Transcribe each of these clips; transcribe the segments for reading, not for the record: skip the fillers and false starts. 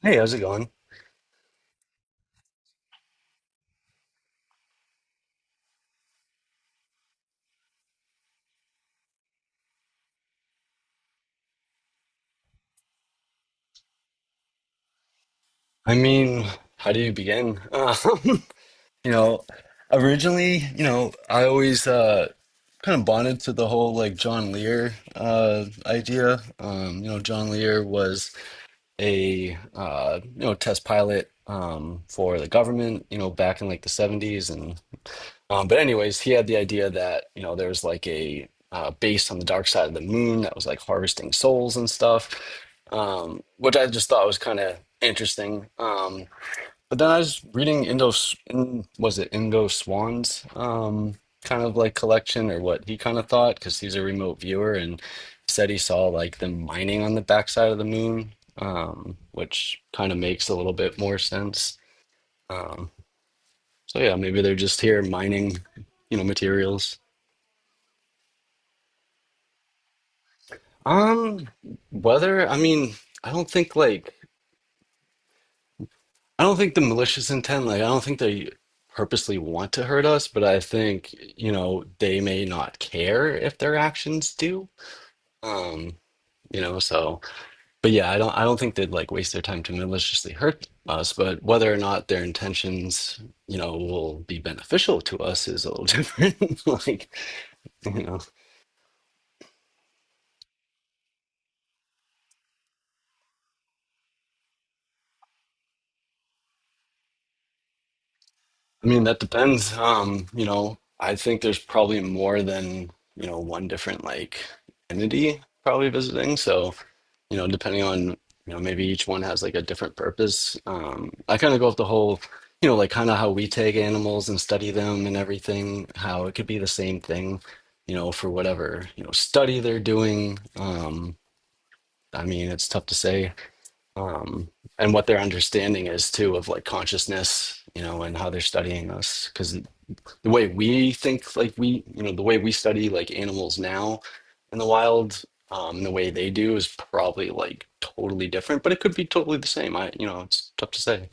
Hey, how's it going? I mean, how do you begin? You know, originally, I always kind of bonded to the whole like John Lear idea. John Lear was a test pilot for the government, back in like the 70s and. But anyways, he had the idea that, there was like a base on the dark side of the moon that was like harvesting souls and stuff, which I just thought was kind of interesting. But then I was reading was it Indo Swan's kind of like collection or what he kind of thought, because he's a remote viewer and said he saw like them mining on the backside of the moon, which kind of makes a little bit more sense. Um, so yeah, maybe they're just here mining, materials. Um, whether I mean, I don't think like I don't think the malicious intent, like I don't think they purposely want to hurt us, but I think, they may not care if their actions do. Um, so but yeah, I don't think they'd like waste their time to maliciously hurt us, but whether or not their intentions, will be beneficial to us is a little different. Like, you know. I mean, that depends. I think there's probably more than, one different like entity probably visiting. So, depending on, maybe each one has like a different purpose. I kind of go with the whole, like kind of how we take animals and study them and everything, how it could be the same thing, for whatever, study they're doing. I mean, it's tough to say. Um, and what their understanding is too of like consciousness and how they're studying us, because the way we think, like we you know the way we study like animals now in the wild. The way they do is probably like totally different, but it could be totally the same. I you know it's tough to say.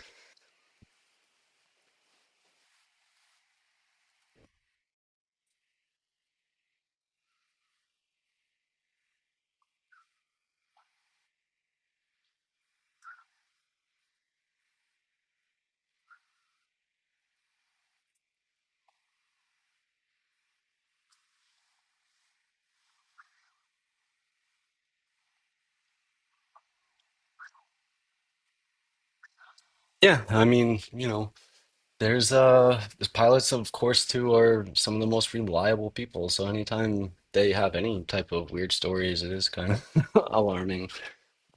Yeah, I mean, there's pilots, of course, too are some of the most reliable people, so anytime they have any type of weird stories, it is kind of alarming.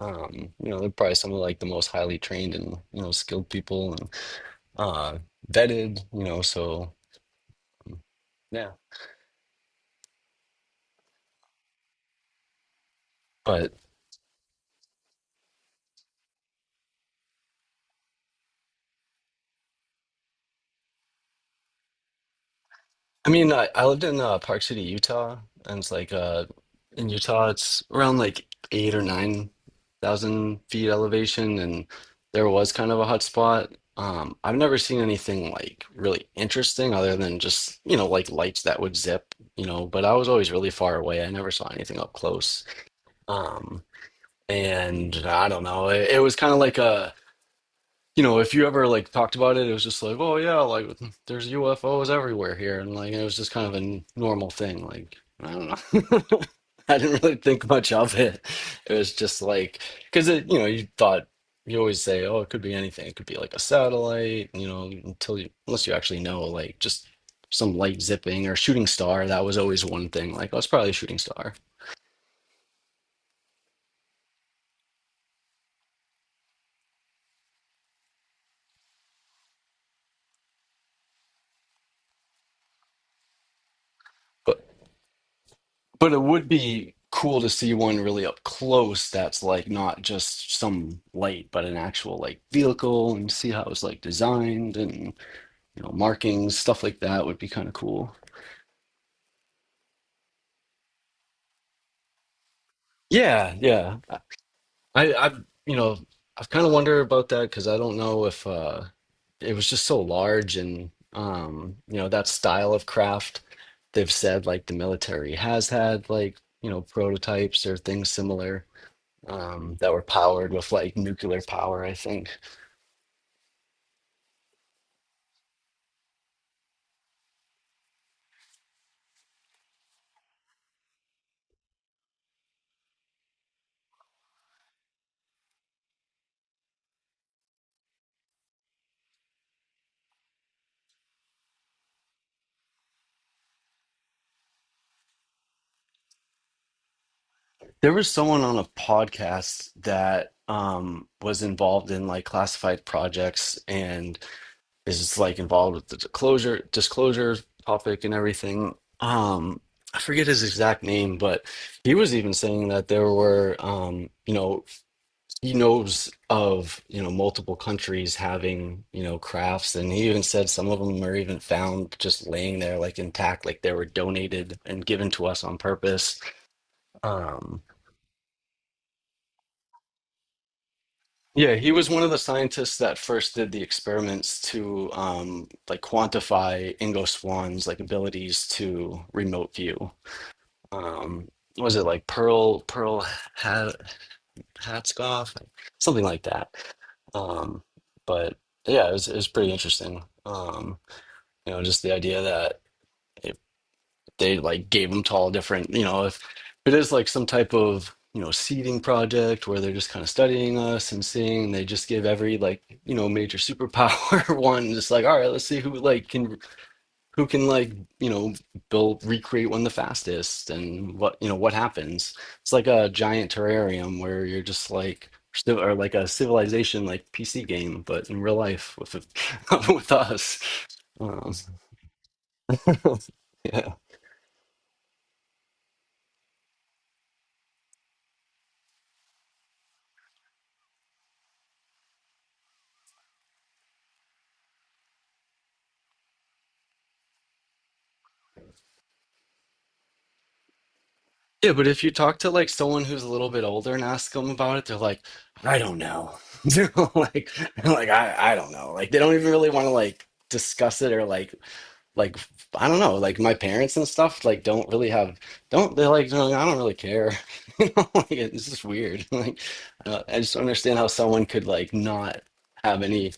They're probably some of like the most highly trained and skilled people, and uh vetted, so yeah. But I mean, I lived in Park City, Utah, and it's like in Utah, it's around like eight or nine thousand feet elevation, and there was kind of a hot spot. I've never seen anything like really interesting other than just, like lights that would zip, but I was always really far away. I never saw anything up close. Um, and I don't know, it was kind of like if you ever like talked about it, it was just like, oh yeah, like there's UFOs everywhere here, and like it was just kind of a normal thing. Like I don't know, I didn't really think much of it. It was just like because it, you always say, oh, it could be anything. It could be like a satellite, until you unless you actually know, like just some light zipping or shooting star. That was always one thing. Like oh, it's probably a shooting star. But it would be cool to see one really up close that's like not just some light, but an actual like vehicle and see how it was like designed, and markings, stuff like that would be kind of cool. Yeah, yeah. I I've you know, I've kind of wondered about that, because I don't know if it was just so large. And that style of craft, they've said like the military has had like prototypes or things similar, that were powered with like nuclear power, I think. There was someone on a podcast that was involved in like classified projects and is like involved with the disclosure topic and everything. Um, I forget his exact name, but he was even saying that there were, he knows of multiple countries having crafts, and he even said some of them are even found just laying there, like intact, like they were donated and given to us on purpose. Um yeah he was one of the scientists that first did the experiments to like quantify Ingo Swann's like abilities to remote view. um was it like Pearl had. Hatsk off, like, something like that. Um, but yeah, it was pretty interesting. Just the idea that, if they like gave them to all different, if it is like some type of, seeding project where they're just kind of studying us and seeing, they just give every like, major superpower one, just like, all right, let's see who can like you know build recreate one the fastest, and what what happens. It's like a giant terrarium where you're just like, or like a civilization like pc game but in real life with with us. um, yeah, yeah. But if you talk to like someone who's a little bit older and ask them about it, they're like, I don't know. Like they're like, I don't know. Like they don't even really want to like discuss it, or like, like I don't know, like my parents and stuff like don't really have, don't they're like, "No, I don't really care." Like, it's just weird. Like I just don't understand how someone could like not have any,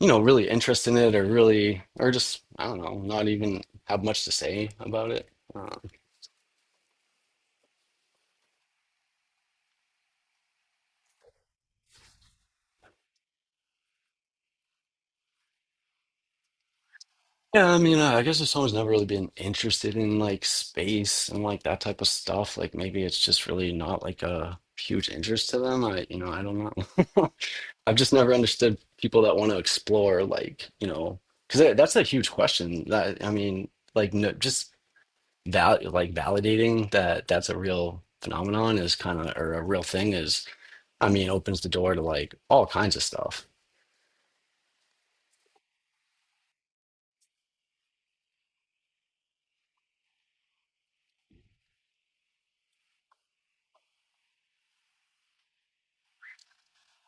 really interest in it, or really, or just I don't know, not even have much to say about it. Uh, yeah, I mean, I guess if someone's never really been interested in like space and like that type of stuff, like maybe it's just really not like a huge interest to them. I don't know. I've just never understood people that want to explore, like, because that's a huge question. That I mean, like, no, just val like validating that that's a real phenomenon is kind of, or a real thing is, I mean, opens the door to like all kinds of stuff.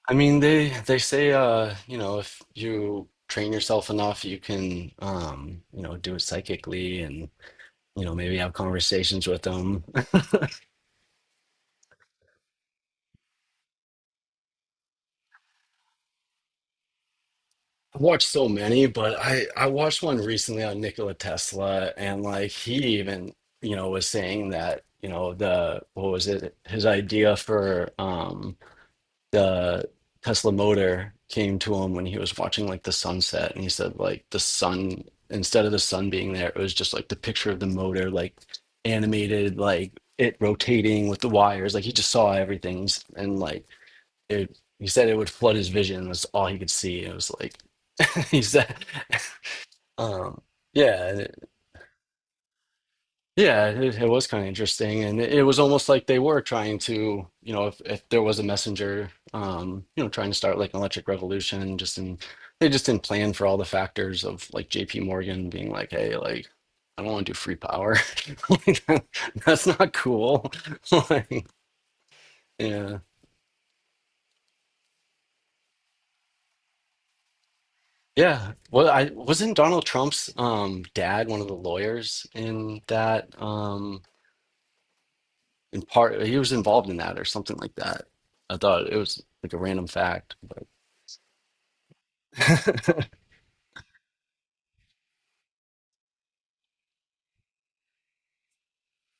I mean, they say, if you train yourself enough, you can, do it psychically and, maybe have conversations with them. I've watched so many, but I watched one recently on Nikola Tesla, and like he even was saying that the what was it his idea for the Tesla motor came to him when he was watching like the sunset. And he said like the sun instead of the sun being there, it was just like the picture of the motor like animated, like it rotating with the wires, like he just saw everything and like it. He said it would flood his vision. That's all he could see. It was like. He's that. Um, yeah, yeah, it was kind of interesting, and it was almost like they were trying to, if there was a messenger, trying to start like an electric revolution, just in they just didn't plan for all the factors of like J.P. Morgan being like, hey, like I don't want to do free power, Like, that's not cool. Like, yeah, yeah. Well, I wasn't Donald Trump's dad one of the lawyers in that? In part he was involved in that or something like that. I thought it was like a random fact, but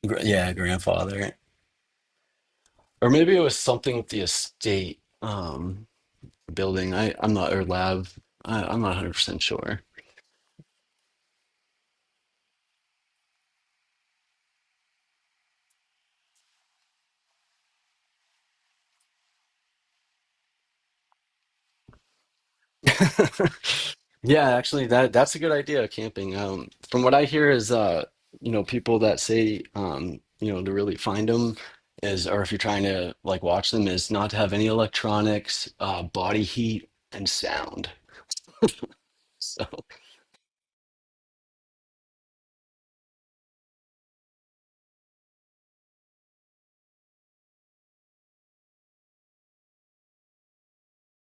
Yeah, grandfather, or maybe it was something with the estate building. I I'm not, or lab. I'm not 100% sure. Yeah, actually, that's a good idea. Camping. From what I hear is people that say to really find them is, or if you're trying to like watch them, is not to have any electronics, body heat, and sound. So